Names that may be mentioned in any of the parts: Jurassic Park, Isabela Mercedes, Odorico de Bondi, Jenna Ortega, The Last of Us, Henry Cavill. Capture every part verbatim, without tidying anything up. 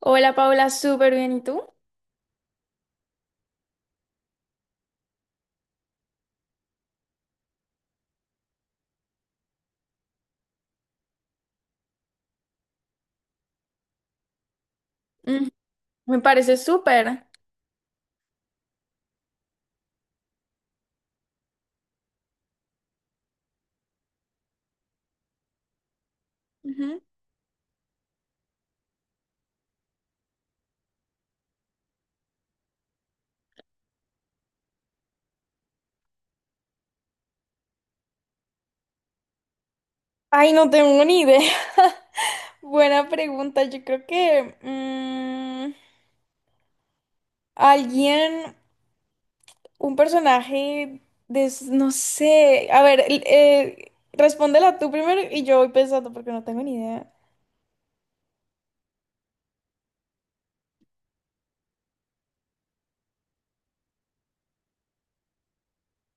Hola Paula, súper bien. ¿Y tú? Mm, me parece súper. Ujú. Ay, no tengo ni idea. Buena pregunta. Yo creo que mm, alguien, un personaje de, s- no sé. A ver, el- eh, respóndela tú primero y yo voy pensando porque no tengo ni idea.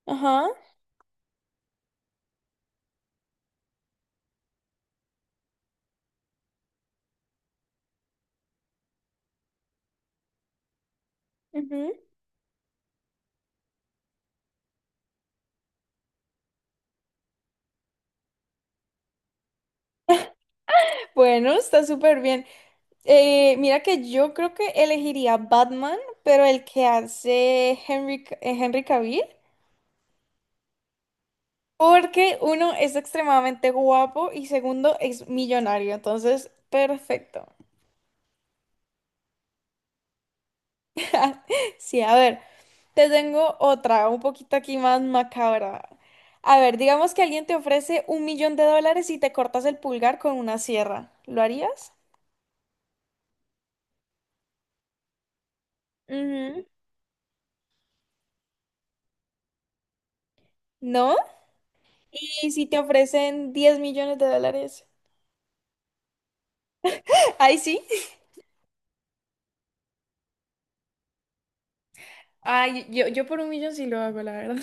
Ajá. ujú. Bueno, está súper bien. Eh, mira que yo creo que elegiría Batman, pero el que hace Henry, C- eh, Henry Cavill. Porque uno es extremadamente guapo y segundo es millonario, entonces perfecto. Sí, a ver, te tengo otra, un poquito aquí más macabra. A ver, digamos que alguien te ofrece un millón de dólares y te cortas el pulgar con una sierra. ¿Lo harías? Ujú. ¿No? ¿Y si te ofrecen diez millones de dólares? Ahí sí. Ay, yo, yo por un millón sí lo hago, la verdad.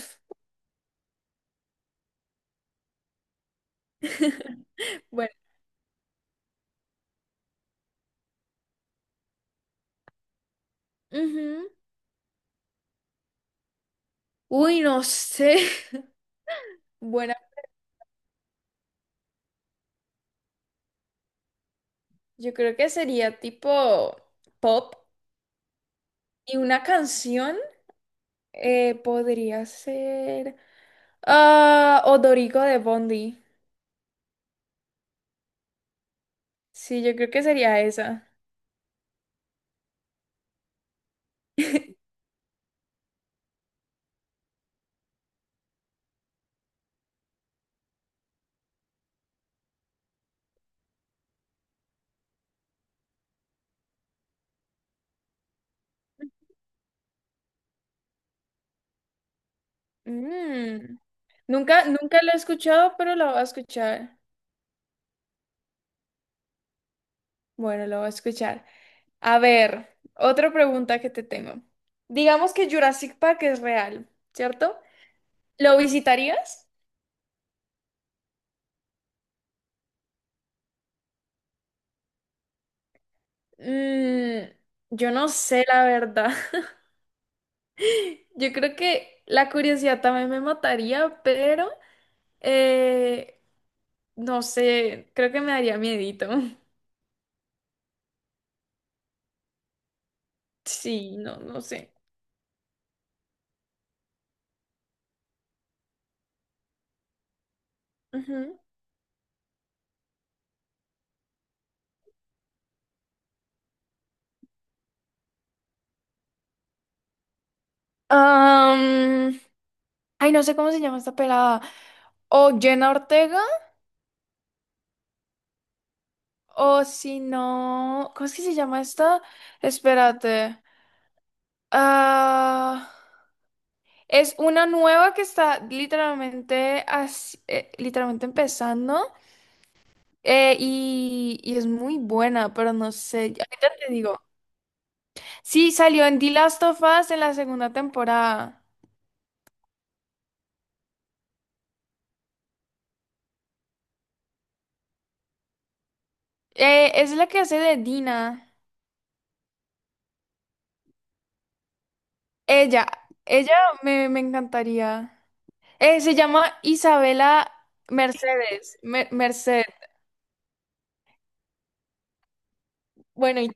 Bueno. Ujú. Uy, no sé. Buena. Yo creo que sería tipo pop y una canción eh, podría ser ah, Odorico de Bondi. Sí, yo creo que sería esa. Mm. Nunca, nunca lo he escuchado, pero lo voy a escuchar. Bueno, lo voy a escuchar. A ver, otra pregunta que te tengo. Digamos que Jurassic Park es real, ¿cierto? ¿Lo visitarías? Mm, yo no sé la verdad. Yo creo que la curiosidad también me mataría, pero eh, no sé, creo que me daría miedito. Sí, no, no sé. Ujú. Am, ay, no sé cómo se llama esta pelada. O Jenna Ortega, o si no. ¿Cómo es que se llama esta? Espérate. Ah, es una nueva que está literalmente, así- eh, literalmente empezando. Eh, y, y es muy buena, pero no sé. Ahorita te digo. Sí, salió en The Last of Us en la segunda temporada. Eh, es la que hace de Dina. Ella, ella me, me encantaría. Eh, se llama Isabela Mercedes. Mer- Merced. Bueno, ¿y tú?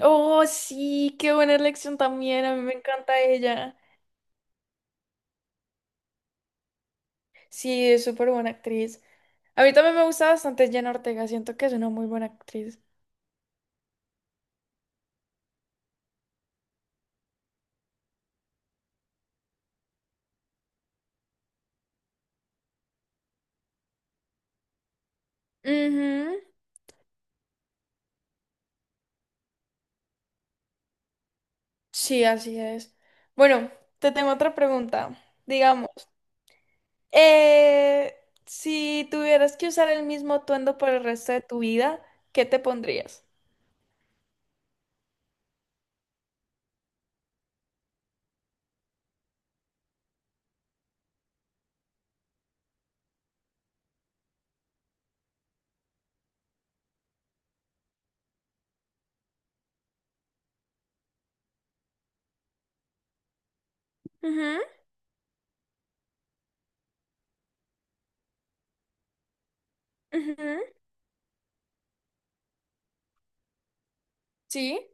Oh, sí, qué buena elección también. A mí me encanta ella. Sí, es súper buena actriz. A mí también me gusta bastante Jenna Ortega. Siento que es una muy buena actriz. Ujú. Sí, así es. Bueno, te tengo otra pregunta. Digamos, eh, si tuvieras que usar el mismo atuendo por el resto de tu vida, ¿qué te pondrías? Ujú, ujú, Sí.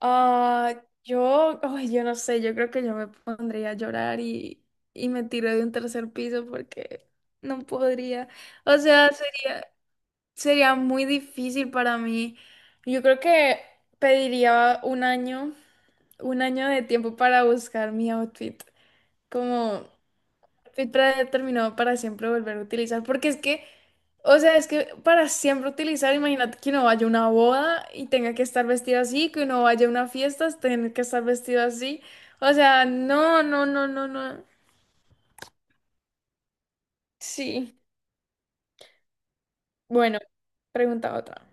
Ah, yo, ay, yo no sé, yo creo que yo me pondría a llorar y, y me tiro de un tercer piso porque no podría. O sea, se- sería muy difícil para mí. Yo creo que pediría un año un año de tiempo para buscar mi outfit, como outfit predeterminado para siempre volver a utilizar, porque es que, o sea, es que para siempre utilizar, imagínate que uno vaya a una boda y tenga que estar vestido así, que uno vaya a una fiesta, tenga que estar vestido así, o sea, no, no, no, no, no, sí. Bueno, pregunta otra.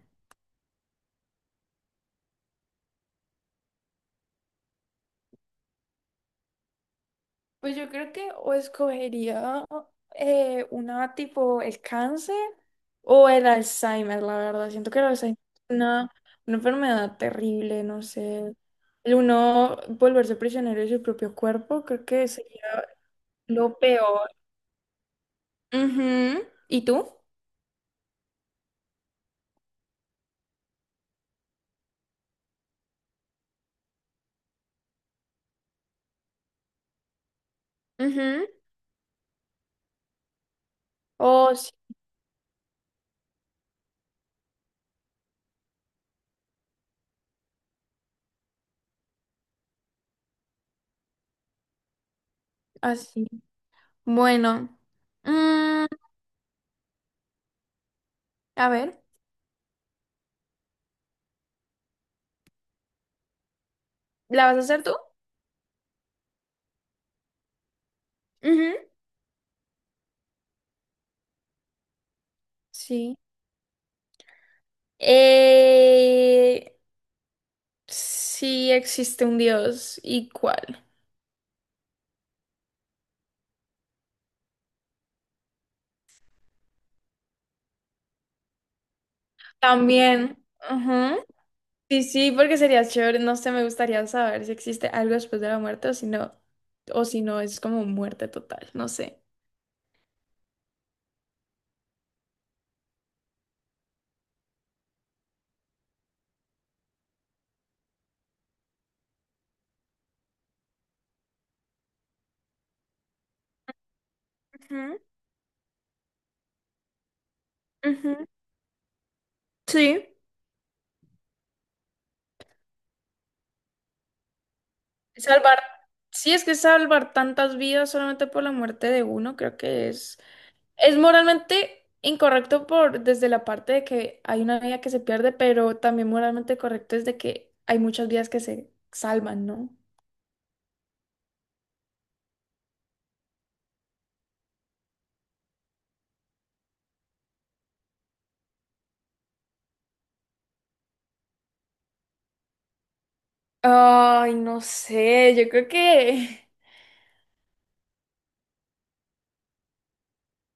Pues yo creo que o escogería eh, una tipo el cáncer o el Alzheimer, la verdad. Siento que el Alzheimer es una, una enfermedad terrible, no sé. El uno volverse prisionero de su propio cuerpo, creo que sería lo peor. Ujú. ¿Y tú? Ujú. oh, sí, así. Bueno, mm, a ver, ¿la vas a hacer tú? Ujú, Sí. Eh, Sí existe un Dios. ¿Y cuál? También. Ajá. Sí, sí, porque sería chévere. No sé, me gustaría saber si existe algo después de la muerte o si no, o si no es como muerte total. No sé. Ujú, ujú. Sí. Salvar. Sí, es que salvar tantas vidas solamente por la muerte de uno, creo que es. Es moralmente incorrecto por desde la parte de que hay una vida que se pierde, pero también moralmente correcto es de que hay muchas vidas que se salvan, ¿no? Ay, no sé, yo creo que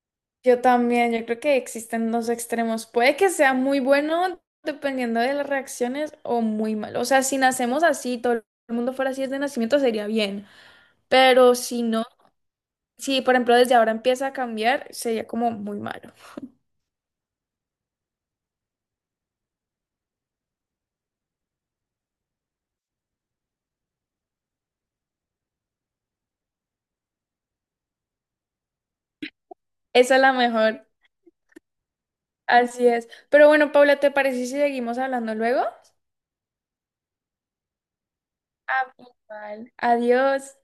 yo también, yo creo que existen dos extremos. Puede que sea muy bueno dependiendo de las reacciones o muy malo. O sea, si nacemos así, todo el mundo fuera así desde nacimiento sería bien, pero si no, si por ejemplo desde ahora empieza a cambiar, sería como muy malo. Esa es la mejor, así es. Pero bueno, Paula, ¿te parece si seguimos hablando luego? Ah, pues, vale. Adiós.